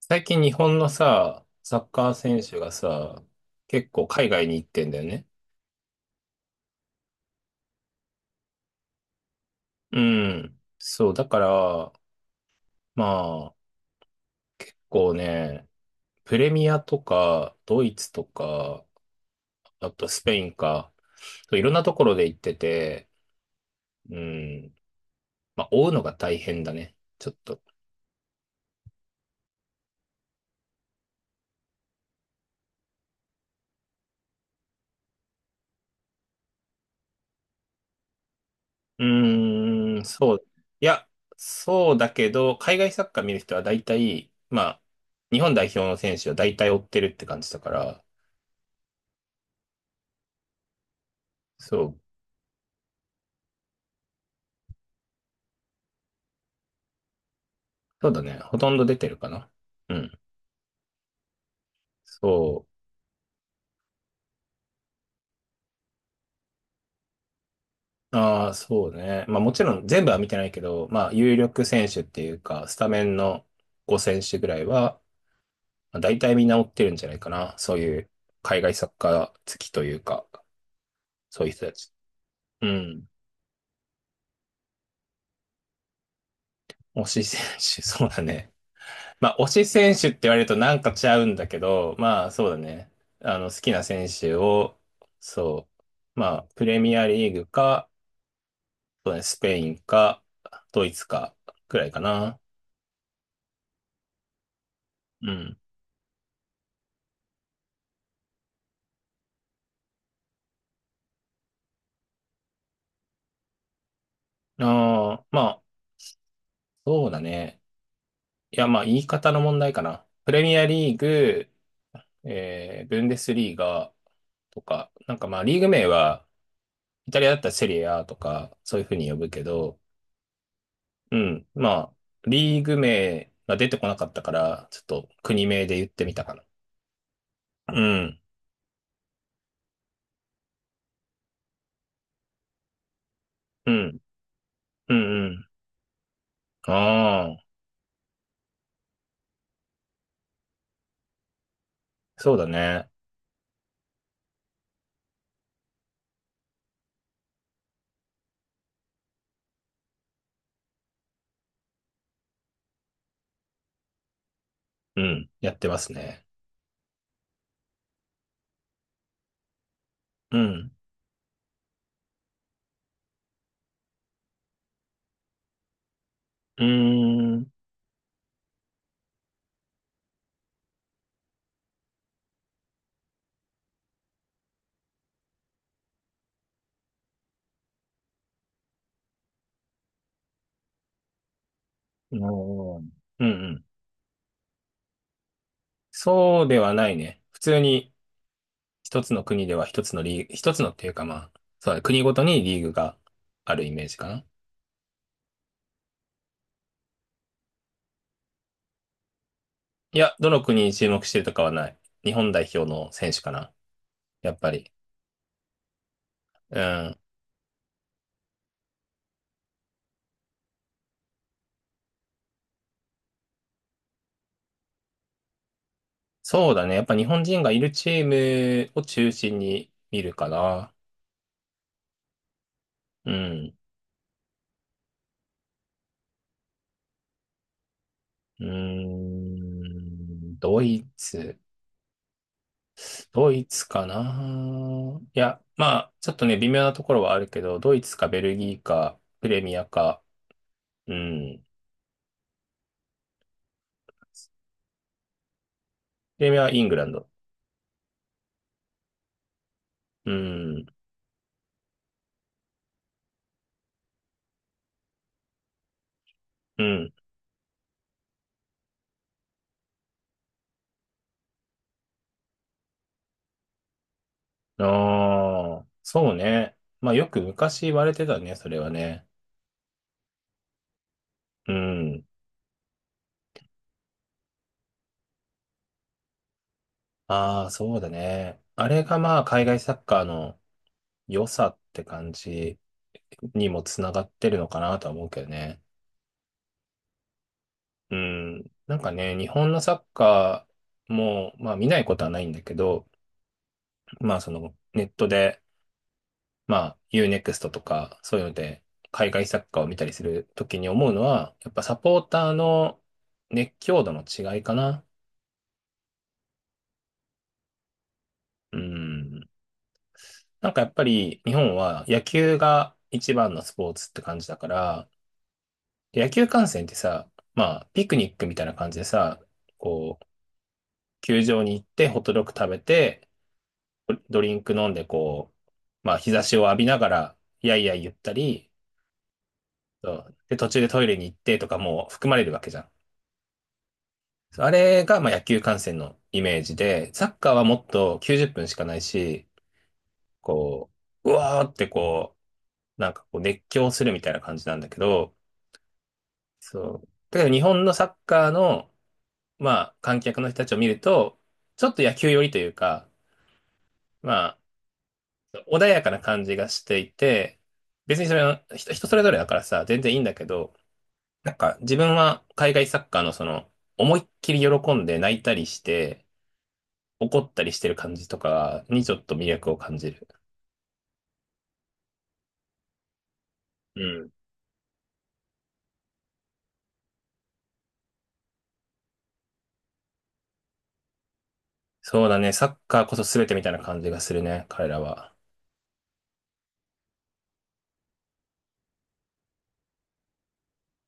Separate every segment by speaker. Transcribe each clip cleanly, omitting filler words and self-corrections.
Speaker 1: 最近日本のさ、サッカー選手がさ、結構海外に行ってんだよね。うん。そう、だから、まあ、こうね、プレミアとか、ドイツとか、あとスペインか、そういろんなところで行ってて、うん。まあ、追うのが大変だね。ちょっと。うーん、そう。いや、そうだけど、海外サッカー見る人は大体、まあ、日本代表の選手は大体追ってるって感じだから、そう。そうだね。ほとんど出てるかな。うん。そう。ああ、そうね。まあもちろん全部は見てないけど、まあ有力選手っていうか、スタメンの5選手ぐらいは、まあ、大体みんな追ってるんじゃないかな。そういう海外サッカー好きというか、そういう人たち。うん。推し選手、そうだね。まあ推し選手って言われるとなんかちゃうんだけど、まあそうだね。あの好きな選手を、そう。まあプレミアリーグか、そうね、スペインか、ドイツか、くらいかな。うん。ああ、まあ、そうだね。いや、まあ、言い方の問題かな。プレミアリーグ、ブンデスリーガとか、なんかまあ、リーグ名は、イタリアだったらセリエ A とか、そういうふうに呼ぶけど、うん、まあ、リーグ名が出てこなかったから、ちょっと国名で言ってみたかな。うん、うん、うん、うん。ああ、そうだね。うん、やってますね。うん。うーん。おーうんうん。そうではないね。普通に一つの国では一つのリーグ、一つのっていうかまあ、そうだね、国ごとにリーグがあるイメージかな。いや、どの国に注目してるとかはない。日本代表の選手かな。やっぱり。うん。そうだね。やっぱ日本人がいるチームを中心に見るかな。うん。うーん。ドイツ。ドイツかないや、まあ、ちょっとね、微妙なところはあるけど、ドイツかベルギーか、プレミアか、うん。プレミアはイングランド。うん、うん。ああ、そうね。まあ、よく昔言われてたね、それはね。うん。ああ、そうだね。あれがまあ、海外サッカーの良さって感じにもつながってるのかなとは思うけどね。うん。なんかね、日本のサッカーも、まあ、見ないことはないんだけど、まあそのネットで、まあ Uネクストとかそういうので海外サッカーを見たりするときに思うのは、やっぱサポーターの熱狂度の違いかな。うん。なんかやっぱり日本は野球が一番のスポーツって感じだから、で野球観戦ってさ、まあピクニックみたいな感じでさ、こう、球場に行ってホットドッグ食べて、ドリンク飲んでこう、まあ日差しを浴びながら、やいやい言ったり、そうで、途中でトイレに行ってとかも含まれるわけじゃん。そうあれがまあ野球観戦のイメージで、サッカーはもっと90分しかないし、こう、うわーってこう、なんかこう熱狂するみたいな感じなんだけど、そう。だけど日本のサッカーの、まあ観客の人たちを見ると、ちょっと野球寄りというか、まあ、穏やかな感じがしていて、別にそれは人、人それぞれだからさ、全然いいんだけど、なんか自分は海外サッカーのその思いっきり喜んで泣いたりして怒ったりしてる感じとかにちょっと魅力を感じる。うん。そうだね。サッカーこそ全てみたいな感じがするね。彼らは。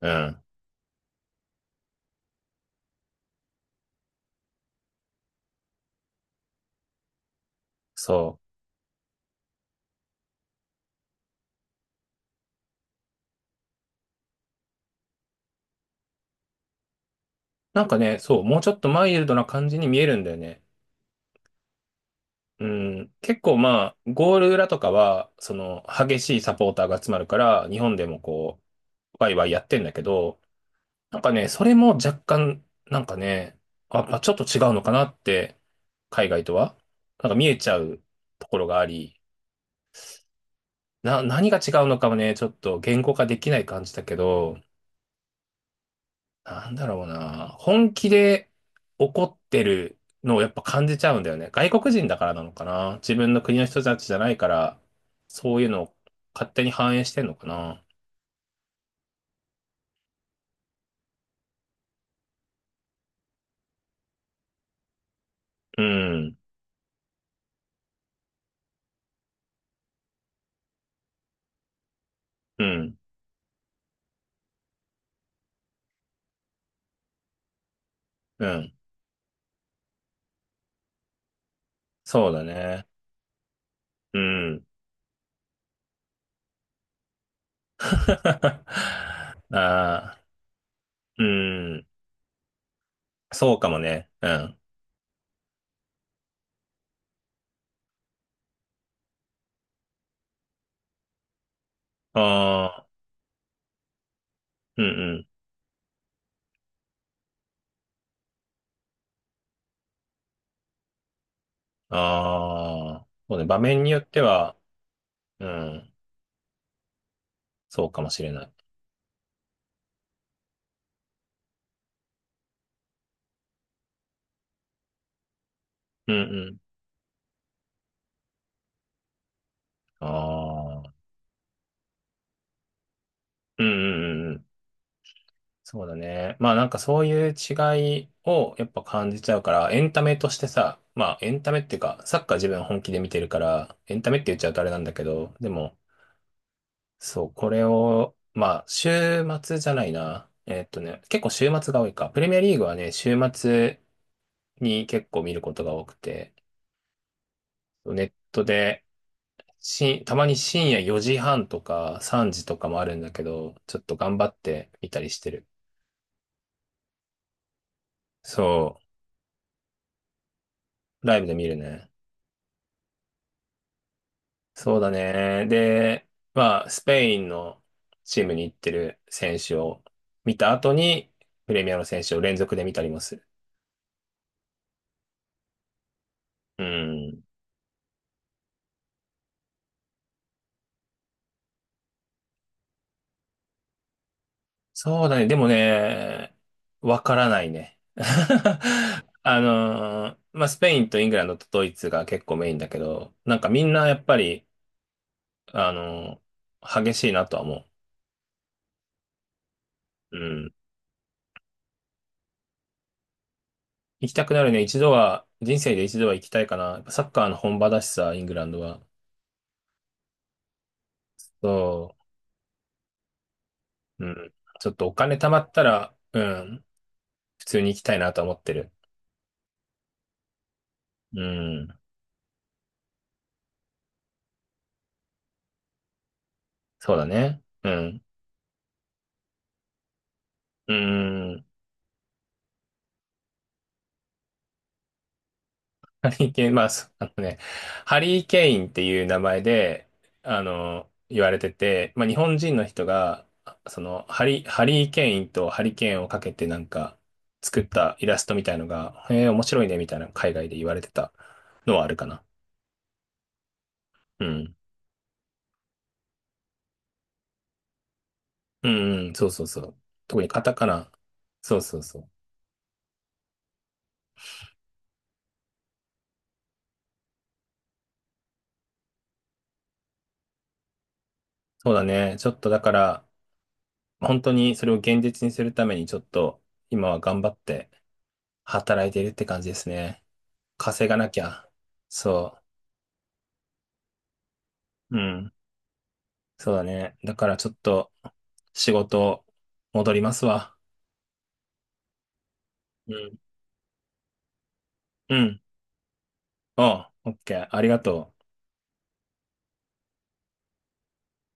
Speaker 1: うん。そう。なんかね、そう。もうちょっとマイルドな感じに見えるんだよね。うん。結構まあ、ゴール裏とかは、その激しいサポーターが集まるから、日本でもこう、ワイワイやってんだけど、なんかね、それも若干、なんかね、あ、まあ、ちょっと違うのかなって、海外とは、なんか見えちゃうところがあり、何が違うのかもね、ちょっと言語化できない感じだけど、なんだろうな、本気で怒ってるのをやっぱ感じちゃうんだよね。外国人だからなのかな。自分の国の人たちじゃないから、そういうのを勝手に反映してんのかな。うん、うん、うん。そうだね。うん。ああ。うん。そうかもね。うん。ああ、うんうん。ああ、そうね。場面によっては、うん。そうかもしれない。うんうん。ああ、うんうんうんうん。そうだね。まあなんかそういう違いをやっぱ感じちゃうから、エンタメとしてさ、まあエンタメっていうか、サッカー自分本気で見てるから、エンタメって言っちゃうとあれなんだけど、でも、そう、これを、まあ週末じゃないな。えっとね、結構週末が多いか。プレミアリーグはね、週末、に結構見ることが多くて、ネットでたまに深夜4時半とか3時とかもあるんだけど、ちょっと頑張って見たりしてる。そう、ライブで見るね。そうだね。で、まあ、スペインのチームに行ってる選手を見た後に、プレミアの選手を連続で見たりもする。うん。そうだね。でもね、わからないね。まあ、スペインとイングランドとドイツが結構メインだけど、なんかみんなやっぱり、あの激しいなとは思う。うん。行きたくなるね。一度は、人生で一度は行きたいかな。やっぱサッカーの本場だしさ、イングランドは。そう。うん。ちょっとお金貯まったら、うん。普通に行きたいなとは思ってる。うん。そうだね。うん。うん。ハリケーン、まあ、あのね、ハリー・ケインっていう名前で、あの、言われてて、まあ、日本人の人が、その、ハリー・ケインとハリケーンをかけてなんか、作ったイラストみたいのが、へえ、面白いね、みたいな海外で言われてたのはあるかな。うん。うんうん、そうそうそう。特にカタカナ。そうそうそう。そうだね。ちょっとだから、本当にそれを現実にするために、ちょっと、今は頑張って働いているって感じですね。稼がなきゃ。そう。うん。そうだね。だからちょっと仕事戻りますわ。うん。うん。おう、オッケー。ありがとう。